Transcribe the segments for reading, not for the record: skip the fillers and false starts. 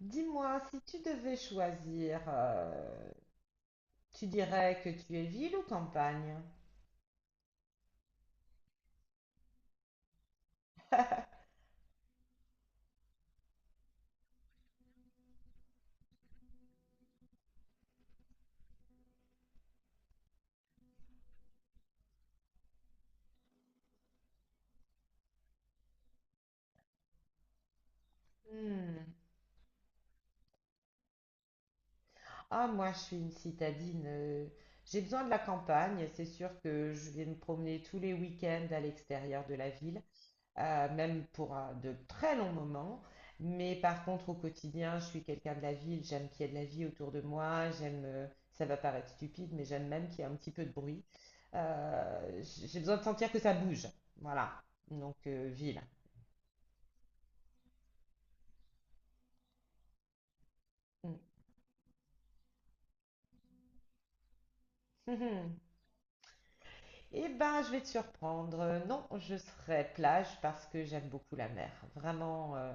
Dis-moi, si tu devais choisir, tu dirais que tu es ville ou campagne? Hmm. Ah, moi, je suis une citadine. J'ai besoin de la campagne. C'est sûr que je vais me promener tous les week-ends à l'extérieur de la ville. Même pour de très longs moments. Mais par contre, au quotidien, je suis quelqu'un de la ville, j'aime qu'il y ait de la vie autour de moi, j'aime, ça va paraître stupide, mais j'aime même qu'il y ait un petit peu de bruit. J'ai besoin de sentir que ça bouge. Voilà. Donc, ville. Mm. Eh ben, je vais te surprendre. Non, je serai plage parce que j'aime beaucoup la mer. Vraiment,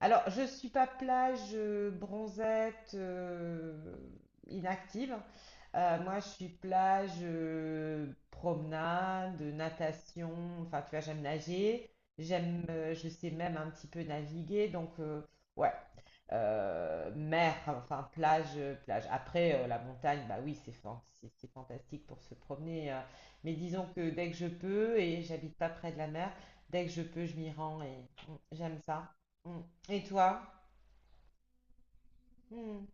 alors, je ne suis pas plage, bronzette, inactive. Moi, je suis plage, promenade, natation. Enfin, tu vois, j'aime nager. J'aime, je sais même un petit peu naviguer. Donc, ouais. Mer, enfin, plage, plage. Après, la montagne, bah oui, c'est fantastique pour se promener. Mais disons que dès que je peux, et j'habite pas près de la mer, dès que je peux, je m'y rends et mm, j'aime ça. Mm. Et toi? Hmm.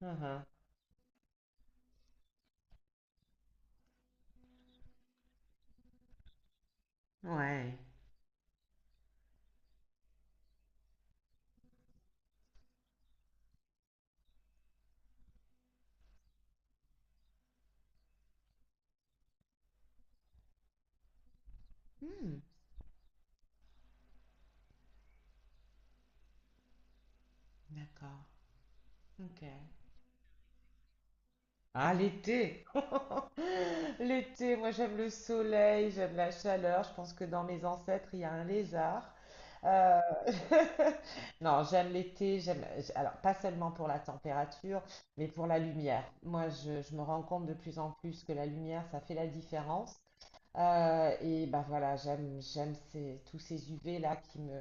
Ah ah. Ouais. Hmm. D'accord. Ok. Ah, l'été! L'été, moi j'aime le soleil, j'aime la chaleur. Je pense que dans mes ancêtres, il y a un lézard. Euh, Non, j'aime l'été, alors pas seulement pour la température, mais pour la lumière. Moi, je me rends compte de plus en plus que la lumière, ça fait la différence. Et ben voilà, j'aime ces, tous ces UV là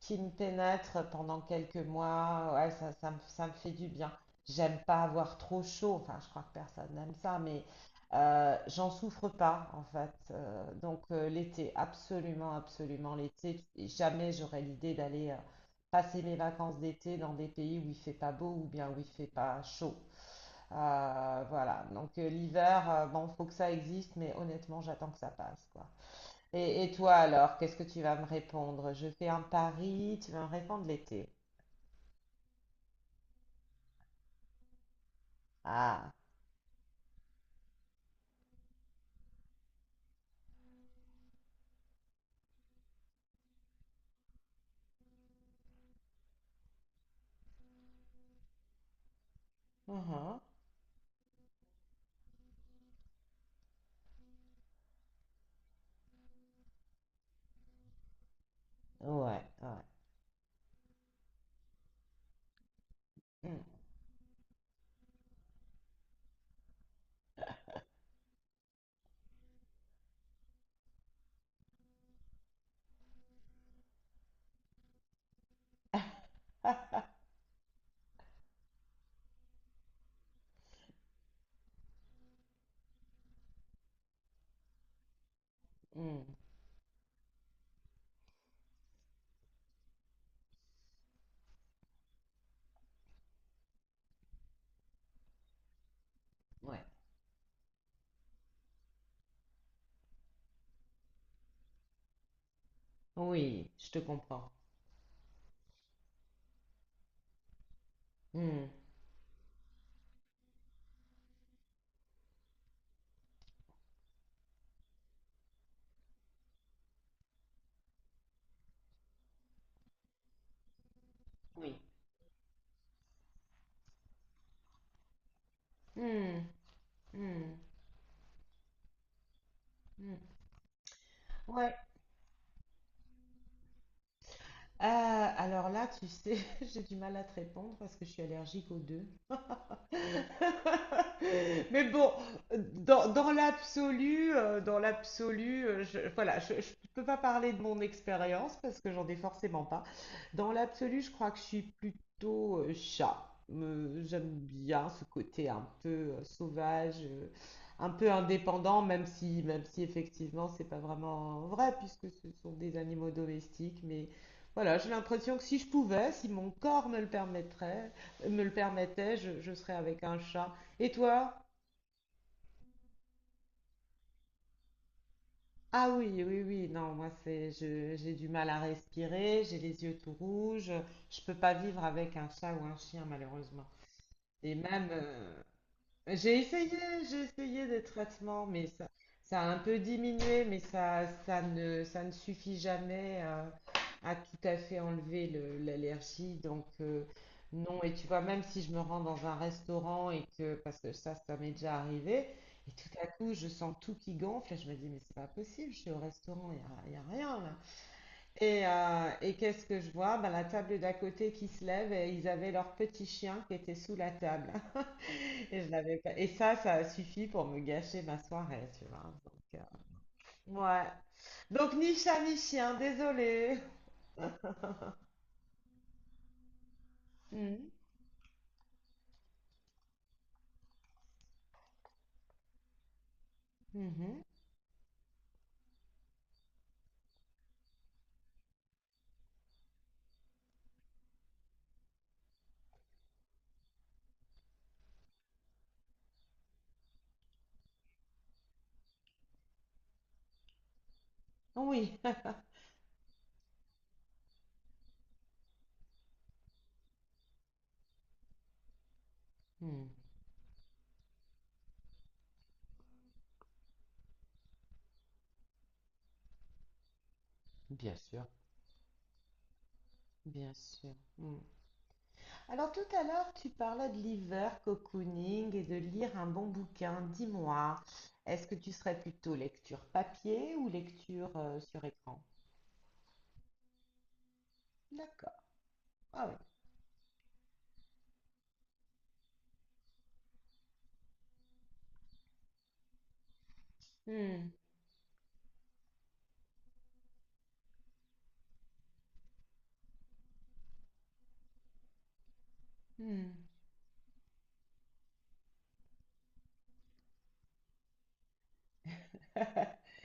qui me pénètrent pendant quelques mois. Ouais, ça me fait du bien. J'aime pas avoir trop chaud, enfin je crois que personne n'aime ça, mais j'en souffre pas en fait. Donc l'été, absolument, absolument l'été. Et jamais j'aurais l'idée d'aller passer mes vacances d'été dans des pays où il fait pas beau ou bien où il fait pas chaud. Voilà, donc l'hiver, bon, faut que ça existe, mais honnêtement j'attends que ça passe quoi. Et toi alors, qu'est-ce que tu vas me répondre? Je fais un pari, tu vas me répondre l'été. Ah, mhm. Ouais, ouais. Mm. Hmm. Ouais. Oui, je te comprends. Hmm. Oui. Hmm. Hmm. Hmm. Ouais. Euh, alors là, tu sais, j'ai du mal à te répondre parce que je suis allergique aux deux. Mais bon, dans l'absolu, voilà, je peux pas parler de mon expérience parce que j'en ai forcément pas. Dans l'absolu, je crois que je suis plutôt chat. J'aime bien ce côté un peu sauvage, un peu indépendant, même si effectivement c'est pas vraiment vrai puisque ce sont des animaux domestiques. Mais voilà, j'ai l'impression que si je pouvais, si mon corps me le permettrait, me le permettait, je serais avec un chat. Et toi? Ah oui, oui, oui, non, j'ai du mal à respirer, j'ai les yeux tout rouges, je peux pas vivre avec un chat ou un chien malheureusement. Et même, j'ai essayé, j'ai essayé des traitements, mais ça a un peu diminué, mais ça ne suffit jamais à, à tout à fait enlever l'allergie. Donc, non, et tu vois, même si je me rends dans un restaurant et que, parce que ça m'est déjà arrivé, et tout à coup, je sens tout qui gonfle, et je me dis, mais c'est pas possible, je suis au restaurant, y a rien là. Et qu'est-ce que je vois? Ben, la table d'à côté qui se lève et ils avaient leur petit chien qui était sous la table. Et je l'avais pas. Et ça a suffi pour me gâcher ma soirée, tu vois. Donc, ouais. Donc ni chat ni chien, désolé. Mhm. Mhm. Oui. Hmm. Bien sûr, bien sûr. Hmm. Alors tout à l'heure, tu parlais de liver cocooning et de lire un bon bouquin. Dis-moi, est-ce que tu serais plutôt lecture papier ou lecture sur écran? D'accord. Ah oui. Hmm, hmm.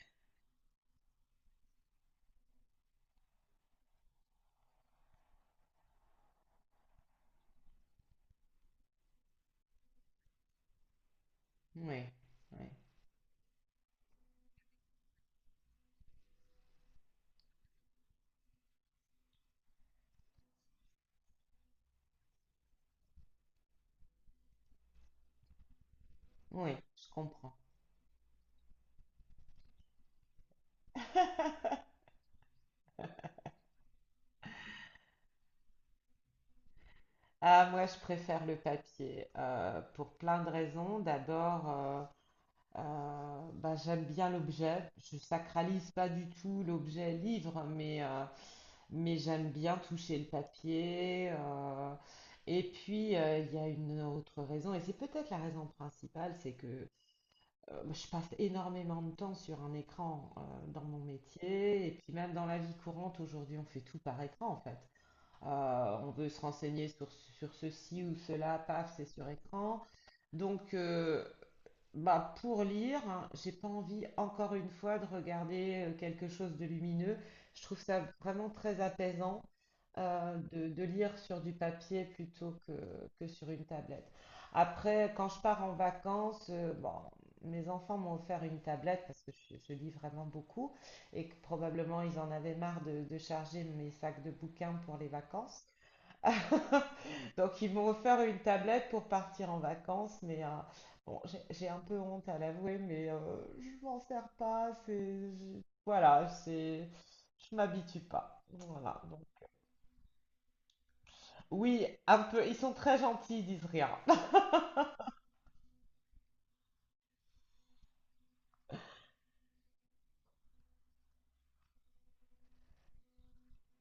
Oui, oui, oui, je comprends. Ah, moi, je préfère le papier pour plein de raisons. D'abord, bah, j'aime bien l'objet. Je sacralise pas du tout l'objet livre, mais j'aime bien toucher le papier. Et puis, il y a une autre raison, et c'est peut-être la raison principale, c'est que je passe énormément de temps sur un écran dans mon métier, et puis même dans la vie courante, aujourd'hui, on fait tout par écran, en fait. On veut se renseigner sur ceci ou cela, paf, c'est sur écran. Donc, bah, pour lire, hein, j'ai pas envie encore une fois de regarder quelque chose de lumineux. Je trouve ça vraiment très apaisant de lire sur du papier plutôt que sur une tablette. Après, quand je pars en vacances, bon, mes enfants m'ont offert une tablette parce que je lis vraiment beaucoup et que probablement ils en avaient marre de charger mes sacs de bouquins pour les vacances. Donc ils m'ont offert une tablette pour partir en vacances, mais bon, j'ai un peu honte à l'avouer, mais je m'en sers pas. Voilà, c'est je m'habitue pas. Voilà. Donc. Oui, un peu. Ils sont très gentils, ils disent rien.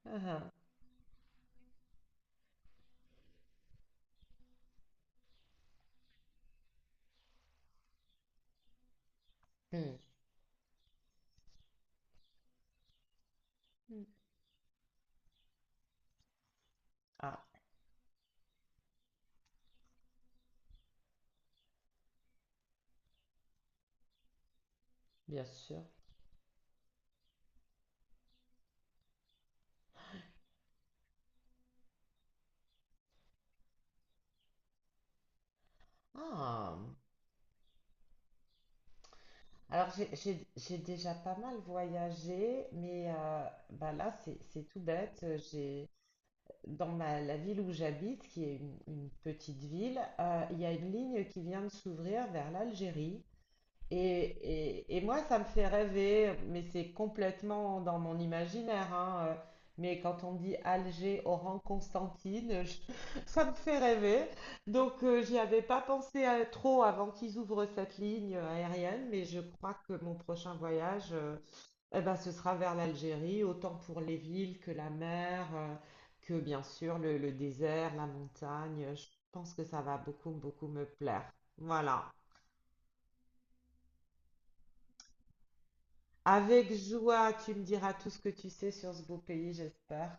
Ah, ah. Hmm. Mm. Ah, bien sûr. Ah. Alors j'ai déjà pas mal voyagé, mais bah là c'est tout bête. J'ai. Dans la ville où j'habite, qui est une petite ville, il y a une ligne qui vient de s'ouvrir vers l'Algérie. Et moi, ça me fait rêver, mais c'est complètement dans mon imaginaire, hein, mais quand on dit Alger, Oran, Constantine, ça me fait rêver. Donc, j'y avais pas pensé trop avant qu'ils ouvrent cette ligne aérienne, mais je crois que mon prochain voyage, eh ben, ce sera vers l'Algérie, autant pour les villes que la mer, que bien sûr le désert, la montagne. Je pense que ça va beaucoup, beaucoup me plaire. Voilà. Avec joie, tu me diras tout ce que tu sais sur ce beau pays, j'espère.